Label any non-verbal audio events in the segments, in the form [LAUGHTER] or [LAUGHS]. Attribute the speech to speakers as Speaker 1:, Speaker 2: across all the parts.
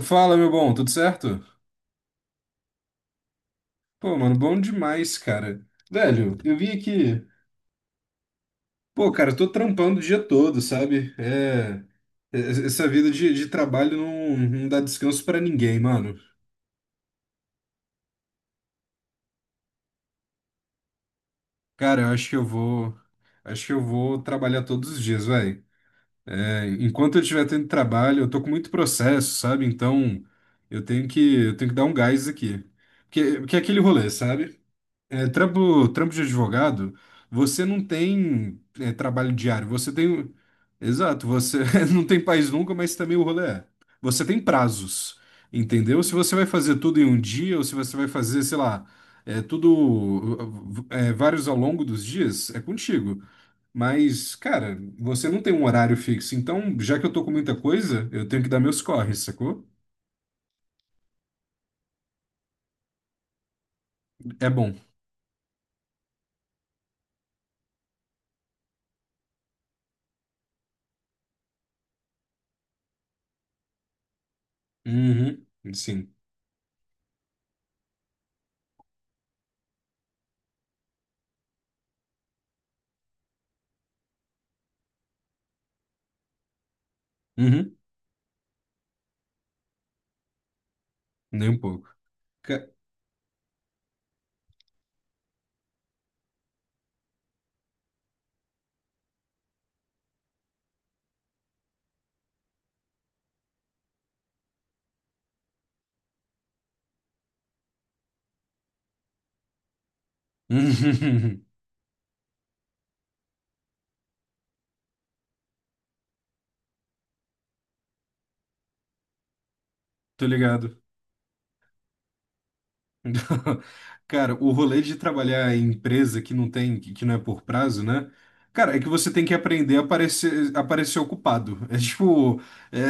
Speaker 1: Fala, meu bom, tudo certo? Pô, mano, bom demais, cara. Velho, eu vim aqui. Pô, cara, eu tô trampando o dia todo, sabe? É. Essa vida de trabalho não dá descanso pra ninguém, mano. Cara, eu acho que eu vou. Acho que eu vou trabalhar todos os dias, velho. É, enquanto eu estiver tendo trabalho, eu tô com muito processo, sabe? Então, eu tenho que, eu tenho que dar um gás aqui. Porque é aquele rolê, sabe? É, trampo de advogado, você não tem é, trabalho diário, você tem. Exato, você [LAUGHS] não tem país nunca, mas também o rolê é. Você tem prazos, entendeu? Se você vai fazer tudo em um dia, ou se você vai fazer, sei lá, é, tudo, é, vários ao longo dos dias, é contigo. Mas, cara, você não tem um horário fixo, então, já que eu tô com muita coisa, eu tenho que dar meus corres, sacou? É bom. Uhum, sim. Uhum, nem um pouco. Ca- [LAUGHS] Tô ligado. [LAUGHS] Cara, o rolê de trabalhar em empresa que não tem, que não é por prazo, né? Cara, é que você tem que aprender a aparecer, aparecer ocupado. É tipo. é,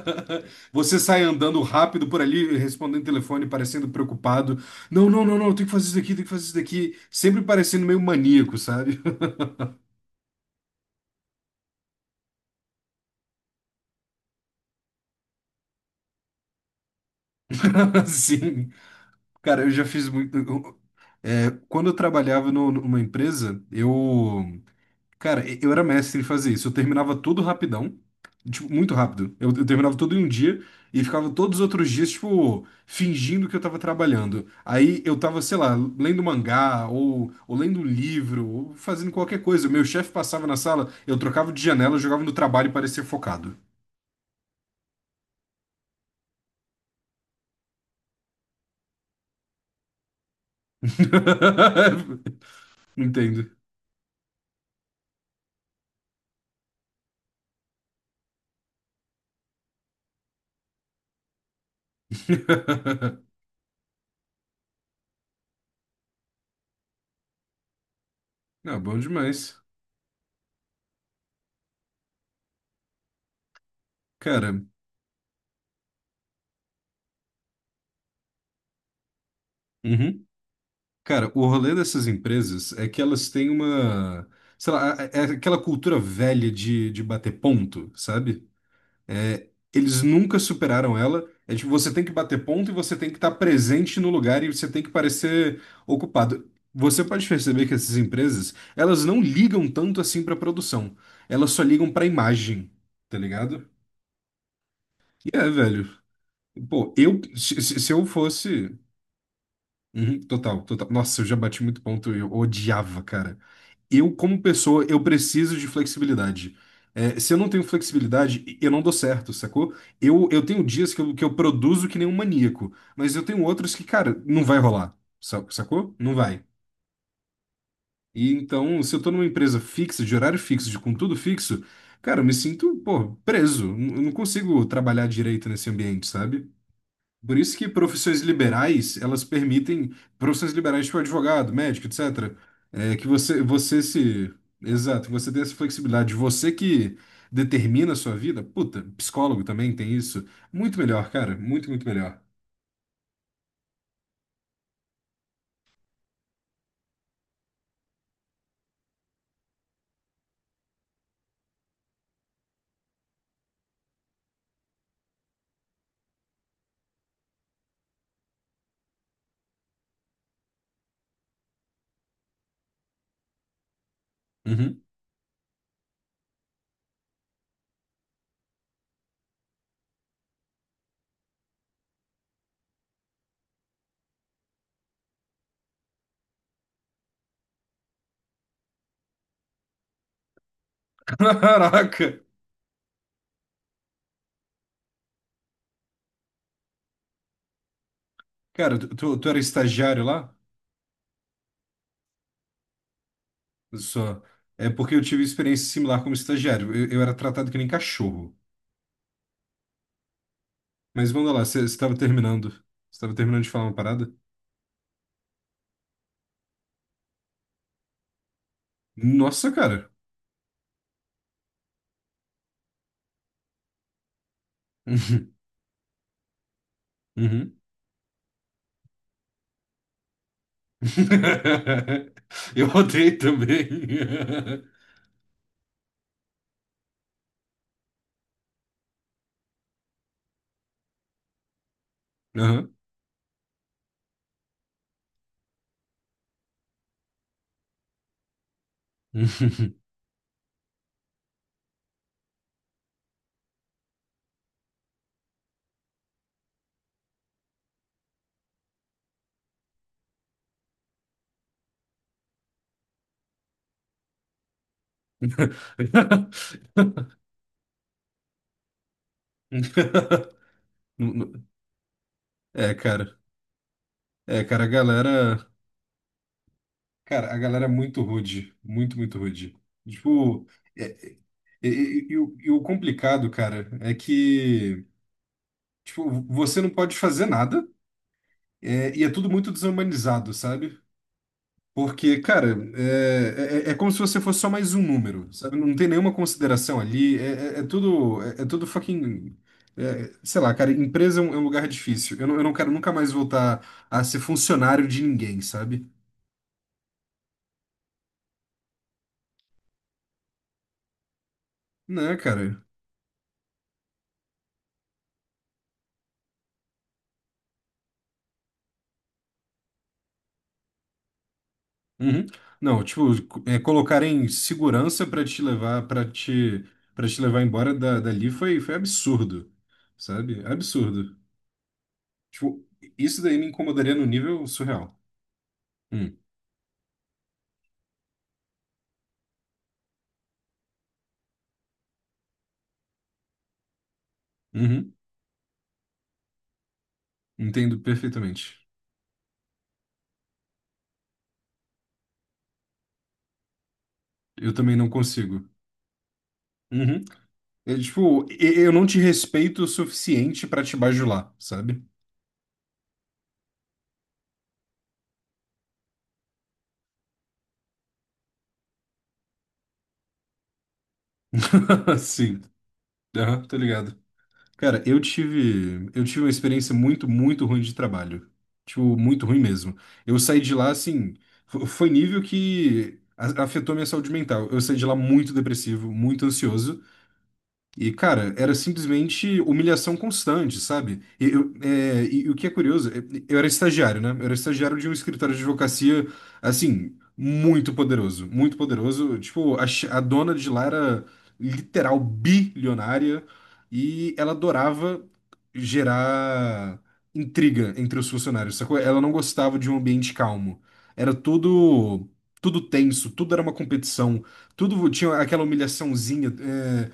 Speaker 1: [LAUGHS] Você sai andando rápido por ali, respondendo telefone, parecendo preocupado. Não, eu tenho que fazer isso daqui, tenho que fazer isso daqui. Sempre parecendo meio maníaco, sabe? [LAUGHS] Assim. Cara, eu já fiz muito. Quando eu trabalhava numa empresa, eu. Cara, eu era mestre em fazer isso. Eu terminava tudo rapidão. Tipo, muito rápido. Eu terminava tudo em um dia e ficava todos os outros dias, tipo, fingindo que eu tava trabalhando. Aí eu tava, sei lá, lendo mangá, ou lendo um livro, ou fazendo qualquer coisa. O meu chefe passava na sala, eu trocava de janela, eu jogava no trabalho e parecia focado. [LAUGHS] Entendo. [LAUGHS] Não, bom demais. Cara, uhum. Cara, o rolê dessas empresas é que elas têm uma, sei lá, é aquela cultura velha de bater ponto, sabe? É, eles nunca superaram ela. É tipo, você tem que bater ponto e você tem que estar presente no lugar e você tem que parecer ocupado. Você pode perceber que essas empresas, elas não ligam tanto assim pra produção. Elas só ligam pra imagem, tá ligado? E é, velho. Pô, eu, se eu fosse. Uhum, total. Nossa, eu já bati muito ponto, eu odiava, cara. Eu, como pessoa, eu preciso de flexibilidade. É, se eu não tenho flexibilidade, eu não dou certo, sacou? Eu tenho dias que eu produzo que nem um maníaco, mas eu tenho outros que, cara, não vai rolar, sacou? Não vai. E então, se eu tô numa empresa fixa, de horário fixo, de com tudo fixo, cara, eu me sinto, pô, preso. Eu não consigo trabalhar direito nesse ambiente, sabe? Por isso que profissões liberais, elas permitem, profissões liberais tipo advogado, médico, etcétera é, que você, você se, exato, você tem essa flexibilidade, você que determina a sua vida, puta, psicólogo também tem isso, muito melhor, cara, muito melhor. Uhum. [LAUGHS] Caraca! Cara, tu era estagiário lá? Só. É porque eu tive experiência similar como estagiário, eu era tratado que nem cachorro. Mas manda lá, você estava terminando de falar uma parada? Nossa, cara! [LAUGHS] Uhum. [LAUGHS] Eu odeio também. [LAUGHS] Aham. [LAUGHS] Não, não. É, cara. É, cara, a galera. Cara, a galera é muito rude. Muito, rude. Tipo, é- é- e o complicado, cara, é que, tipo, você não pode fazer nada, é, e é tudo muito desumanizado, sabe? Porque, cara, é como se você fosse só mais um número, sabe? Não tem nenhuma consideração ali, é tudo, é, é tudo fucking, é, sei lá, cara, empresa é um lugar difícil. Eu não quero nunca mais voltar a ser funcionário de ninguém, sabe? Né, cara? Uhum. Não, tipo, colocar em segurança pra te levar, para te levar embora dali foi, foi absurdo, sabe? Absurdo. Tipo, isso daí me incomodaria no nível surreal. Hum. Uhum. Entendo perfeitamente. Eu também não consigo. Uhum. É, tipo, eu não te respeito o suficiente pra te bajular, sabe? [LAUGHS] Sim. Aham, tô ligado. Cara, eu tive uma experiência muito ruim de trabalho. Tipo, muito ruim mesmo. Eu saí de lá, assim, foi nível que afetou minha saúde mental. Eu saí de lá muito depressivo, muito ansioso. E, cara, era simplesmente humilhação constante, sabe? E, o que é curioso, é- eu era estagiário, né? Eu era estagiário de um escritório de advocacia, assim, muito poderoso, muito poderoso. Tipo, a dona de lá era literal bilionária e ela adorava gerar intriga entre os funcionários, sacou? Ela não gostava de um ambiente calmo. Era tudo, tudo tenso, tudo era uma competição, tudo tinha aquela humilhaçãozinha.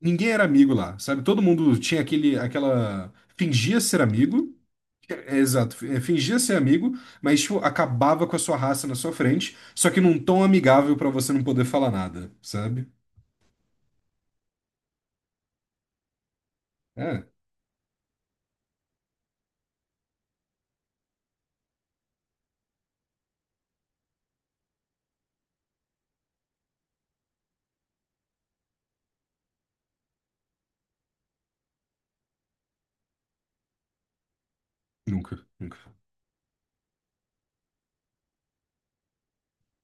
Speaker 1: Ninguém era amigo lá, sabe? Todo mundo tinha aquele, aquela. Fingia ser amigo. Exato, é, fingia ser amigo, mas tipo, acabava com a sua raça na sua frente, só que num tom amigável pra você não poder falar nada, sabe? É, nunca, nunca.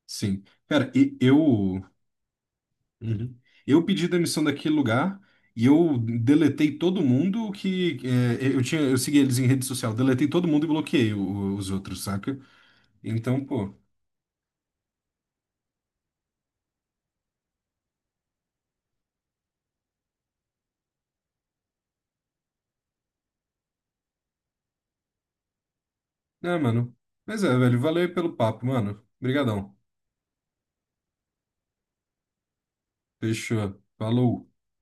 Speaker 1: Sim. Cara, eu. Uhum. Eu pedi demissão daquele lugar e eu deletei todo mundo que. Eu segui eles em rede social, deletei todo mundo e bloqueei os outros, saca? Então, pô. É, mano. Mas é, velho. Valeu aí pelo papo, mano. Obrigadão. Fechou. Falou.